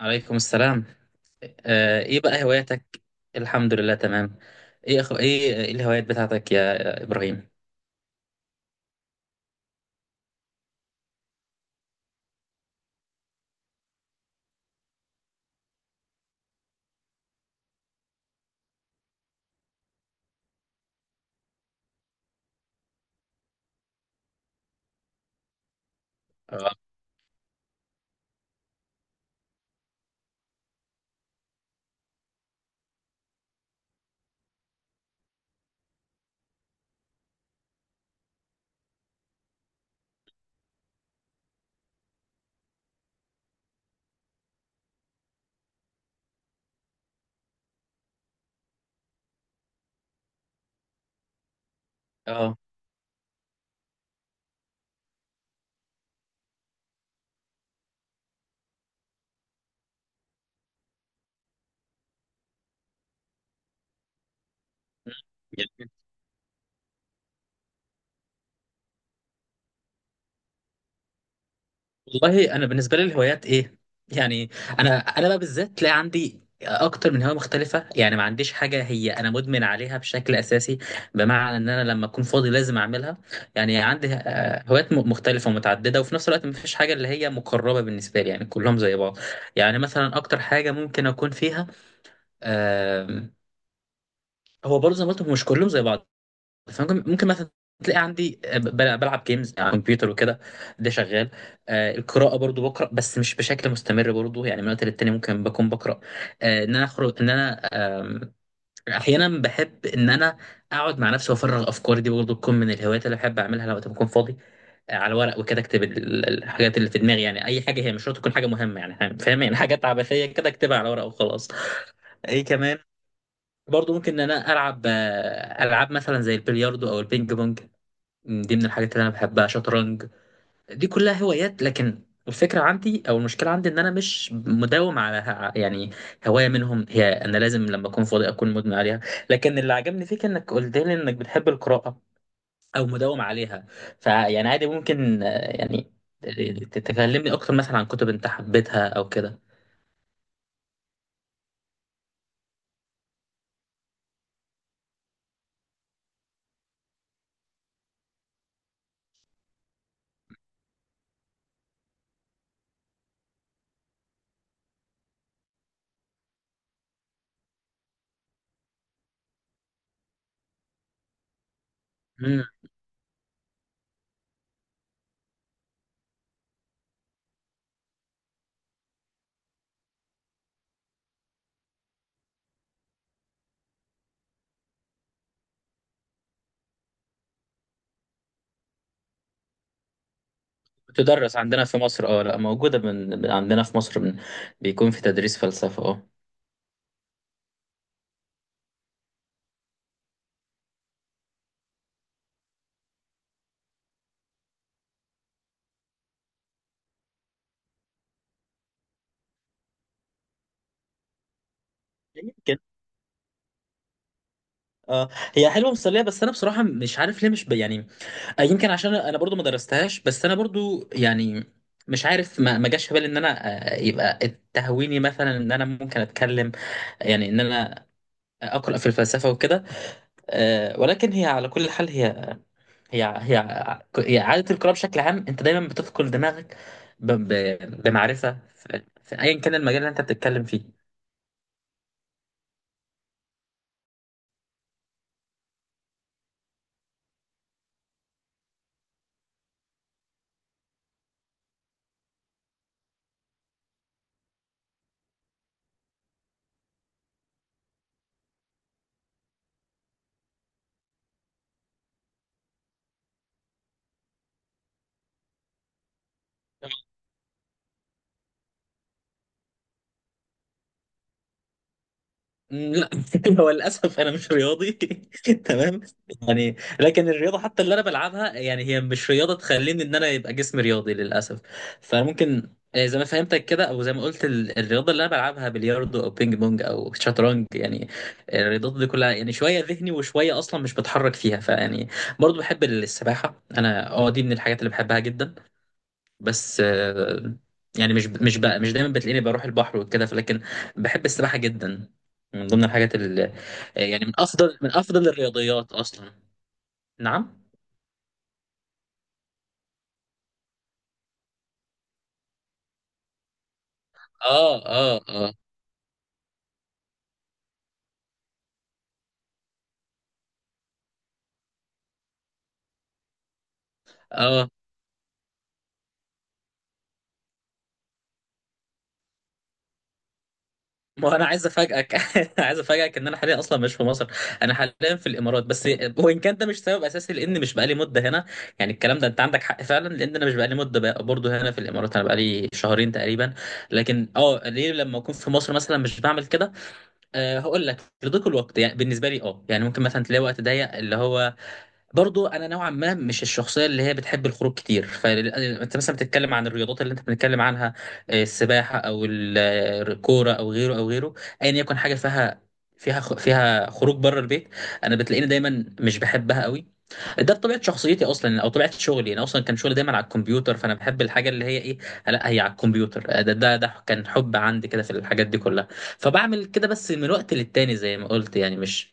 عليكم السلام. ايه بقى هواياتك؟ الحمد لله تمام. ايه أخو... ايه إيه الهوايات بتاعتك يا ابراهيم؟ اه، اه، يعني والله انا بالنسبه لي الهوايات ايه. يعني انا بقى بالذات تلاقي عندي اكتر من هوايه مختلفه، يعني ما عنديش حاجه هي انا مدمن عليها بشكل اساسي. بمعنى ان انا لما اكون فاضي لازم اعملها. يعني عندي هوايات مختلفه ومتعدده، وفي نفس الوقت ما فيش حاجه اللي هي مقربه بالنسبه لي، يعني كلهم زي بعض. يعني مثلا اكتر حاجه ممكن اكون فيها، آم، هو برضه زي ما قلت، هو مش كلهم زي بعض. فممكن مثلا تلاقي عندي، بلعب جيمز على الكمبيوتر وكده. ده شغال. القراءة برضو بقرأ، بس مش بشكل مستمر برضو. يعني من وقت للتاني ممكن بكون بقرأ. ان انا اخرج ان انا آم، احيانا بحب ان انا اقعد مع نفسي وافرغ افكاري، دي برضو تكون من الهوايات اللي بحب اعملها لو وقت بكون فاضي. على ورق وكده اكتب الحاجات اللي في دماغي، يعني اي حاجة، هي مش شرط تكون حاجة مهمة، يعني فاهم، يعني حاجات عبثية كده اكتبها على ورق وخلاص. ايه كمان، برضه ممكن ان انا العب العاب مثلا زي البلياردو او البينج بونج. دي من الحاجات اللي انا بحبها، شطرنج. دي كلها هوايات، لكن الفكره عندي او المشكله عندي ان انا مش مداوم على يعني هوايه منهم، هي انا لازم لما اكون فاضي اكون مدمن عليها. لكن اللي عجبني فيك انك قلت لي انك بتحب القراءه او مداوم عليها. فيعني عادي، ممكن يعني تكلمني اكتر مثلا عن كتب انت حبيتها او كده. بتدرس عندنا في مصر، اه، لا موجودة، من عندنا في مصر، من بيكون في تدريس فلسفة، اه. يمكن، اه، هي حلوة مسلية، بس انا بصراحة مش عارف ليه، مش ب... يعني يمكن عشان انا برضو ما درستهاش. بس انا برضو يعني مش عارف، ما جاش في بالي ان انا يبقى تهويني مثلا ان انا ممكن اتكلم، يعني ان انا اقرا في الفلسفه وكده. ولكن هي، على كل حال، هي هي هي عادة القراءة بشكل عام، انت دايما بتثقل دماغك بمعرفة في ايا كان المجال اللي انت بتتكلم فيه. لا. هو للاسف انا مش رياضي. تمام. يعني لكن الرياضه حتى اللي انا بلعبها، يعني هي مش رياضه تخليني ان انا يبقى جسمي رياضي للاسف. فممكن زي ما فهمتك كده، او زي ما قلت، الرياضه اللي انا بلعبها بلياردو او بينج بونج او شطرنج، يعني الرياضات دي كلها يعني شويه ذهني وشويه اصلا مش بتحرك فيها. فيعني برضو بحب السباحه انا، اه، دي من الحاجات اللي بحبها جدا. بس يعني مش بقى مش دايما بتلاقيني بروح البحر وكده، لكن بحب السباحة جدا. من ضمن الحاجات اللي، يعني، من افضل الرياضيات اصلا. نعم. اه، اه، اه، اه. ما انا عايز افاجئك، عايز افاجئك ان انا حاليا اصلا مش في مصر. انا حاليا في الامارات. بس وان كان ده مش سبب اساسي لان مش بقالي مده هنا. يعني الكلام ده انت عندك حق فعلا، لان انا مش بقالي مده بقى برضه هنا في الامارات، انا بقالي شهرين تقريبا. لكن اه، ليه لما اكون في مصر مثلا مش بعمل كده؟ أه، هقول لك، لضيق الوقت يعني بالنسبه لي. اه، يعني ممكن مثلا تلاقي وقت ضيق اللي هو، برضو انا نوعا ما مش الشخصيه اللي هي بتحب الخروج كتير. فانت مثلا بتتكلم عن الرياضات اللي انت بنتكلم عنها، السباحه او الكوره او غيره او غيره، ايا يكن حاجه فيها، فيها خروج بره البيت. انا بتلاقيني دايما مش بحبها قوي. ده بطبيعه شخصيتي اصلا، او طبيعه شغلي. انا اصلا كان شغلي دايما على الكمبيوتر، فانا بحب الحاجه اللي هي ايه، لا هي على الكمبيوتر. ده كان حب عندي كده في الحاجات دي كلها. فبعمل كده بس من وقت للتاني، زي ما قلت، يعني مش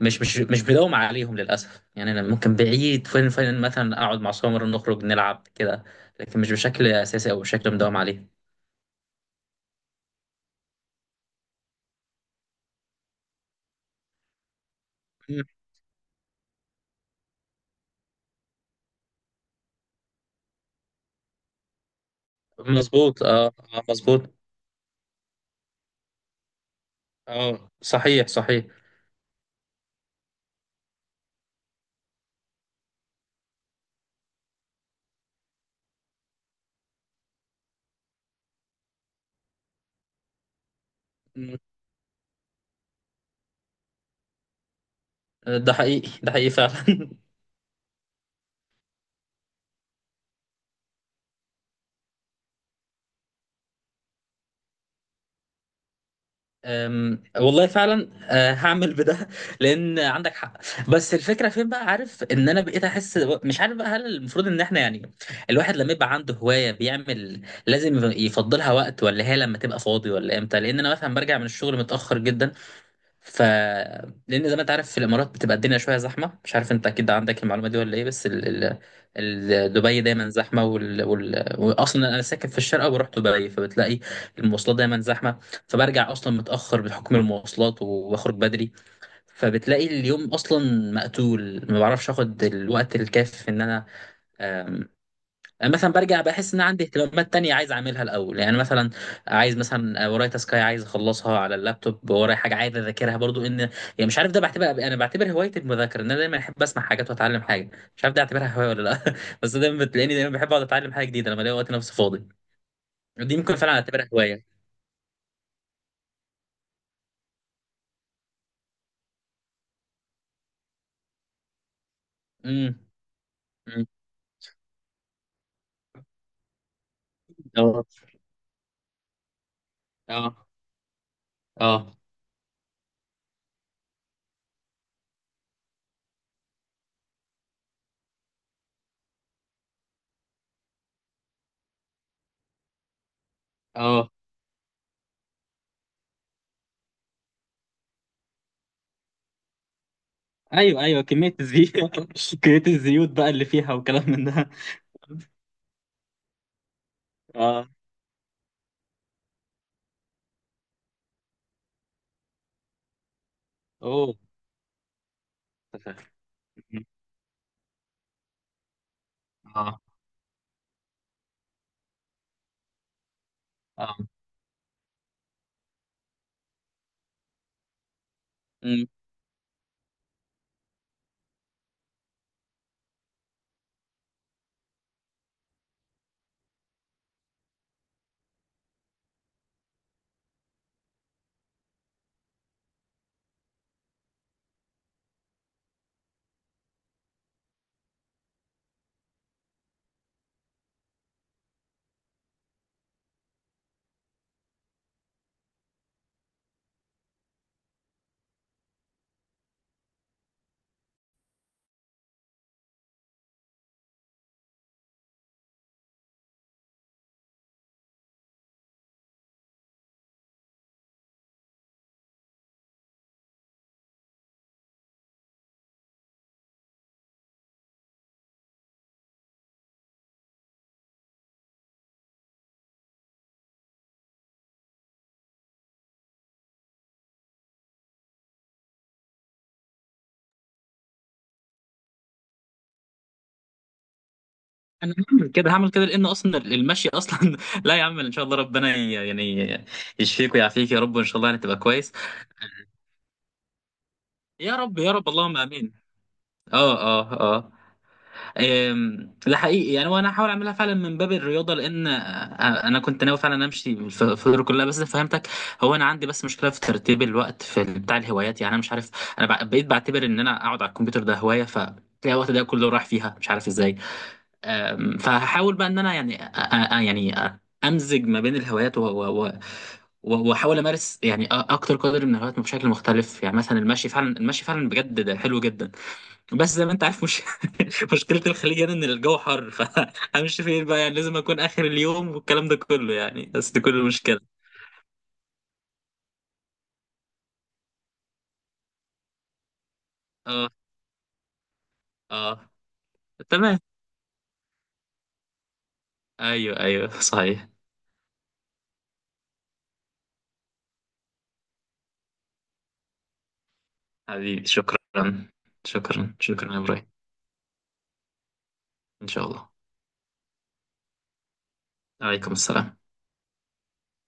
مش مش مش بداوم عليهم للاسف. يعني انا ممكن بعيد فين مثلا اقعد مع سمر نخرج نلعب كده، لكن مش بشكل اساسي او بشكل مداوم عليه. مم. مظبوط، اه. مظبوط. اه، صحيح صحيح. مم. ده حقيقي ده حقيقي فعلا. والله فعلا. هعمل بده، لان عندك حق. بس الفكره فين بقى، عارف ان انا بقيت احس، مش عارف بقى هل المفروض ان احنا، يعني الواحد لما يبقى عنده هوايه بيعمل لازم يفضلها وقت، ولا هي لما تبقى فاضي، ولا امتى؟ لان انا مثلا برجع من الشغل متاخر جدا. ف لان زي ما انت عارف في الامارات بتبقى الدنيا شويه زحمه، مش عارف انت اكيد عندك المعلومه دي ولا ايه، بس دبي دايما زحمه، واصلا انا ساكن في الشارقه وبروح دبي، فبتلاقي المواصلات دايما زحمه. فبرجع اصلا متاخر بحكم المواصلات وبخرج بدري، فبتلاقي اليوم اصلا مقتول، ما بعرفش اخد الوقت الكافي ان انا يعني. مثلا برجع بحس ان عندي اهتمامات تانية عايز اعملها الاول، يعني مثلا عايز مثلا ورايا تاسكاي عايز اخلصها على اللابتوب، ورايا حاجه عايز اذاكرها برضو. ان يعني مش عارف، ده بعتبر انا بعتبر هوايه المذاكره، ان انا دايما احب اسمع حاجات واتعلم حاجه، مش عارف ده اعتبرها هوايه ولا لا. بس دايما بتلاقيني بحب اقعد اتعلم حاجه جديده لما الاقي وقت نفسي فاضي. دي ممكن فعلا اعتبرها هوايه. امم أمم. اه، اه، اه، اه. ايوه ايوه، كميه الزيوت، كميه الزيوت بقى اللي فيها وكلام من ده. اه. اوه. اه، اه، انا هعمل كده هعمل كده، لان اصلا المشي اصلا، لا يا عم، ان شاء الله ربنا يعني يشفيك ويعافيك يا رب، وان شاء الله يعني تبقى كويس. يا رب، يا رب، اللهم امين. اه، اه، اه. ده حقيقي يعني، وانا هحاول اعملها فعلا من باب الرياضه، لان انا كنت ناوي فعلا امشي في الدور كلها، بس فهمتك. هو انا عندي بس مشكله في ترتيب الوقت في بتاع الهوايات، يعني انا مش عارف، انا بقيت بعتبر ان انا اقعد على الكمبيوتر ده هوايه. تلاقي الوقت ده كله راح فيها، مش عارف ازاي. فهحاول بقى ان انا، يعني يعني امزج ما بين الهوايات واحاول امارس، يعني اكتر قدر من الهوايات بشكل مختلف. يعني مثلا المشي فعلا، المشي فعلا بجد، ده حلو جدا، بس زي ما انت عارف مش مشكله الخليج يعني ان الجو حر. فهمشي فين بقى؟ يعني لازم اكون اخر اليوم والكلام ده كله، يعني بس دي كل المشكله. اه، اه، تمام. ايوه، ايوه، صحيح. حبيبي شكرا. شكرا، شكرا يا ابراهيم. ان شاء الله. عليكم السلام.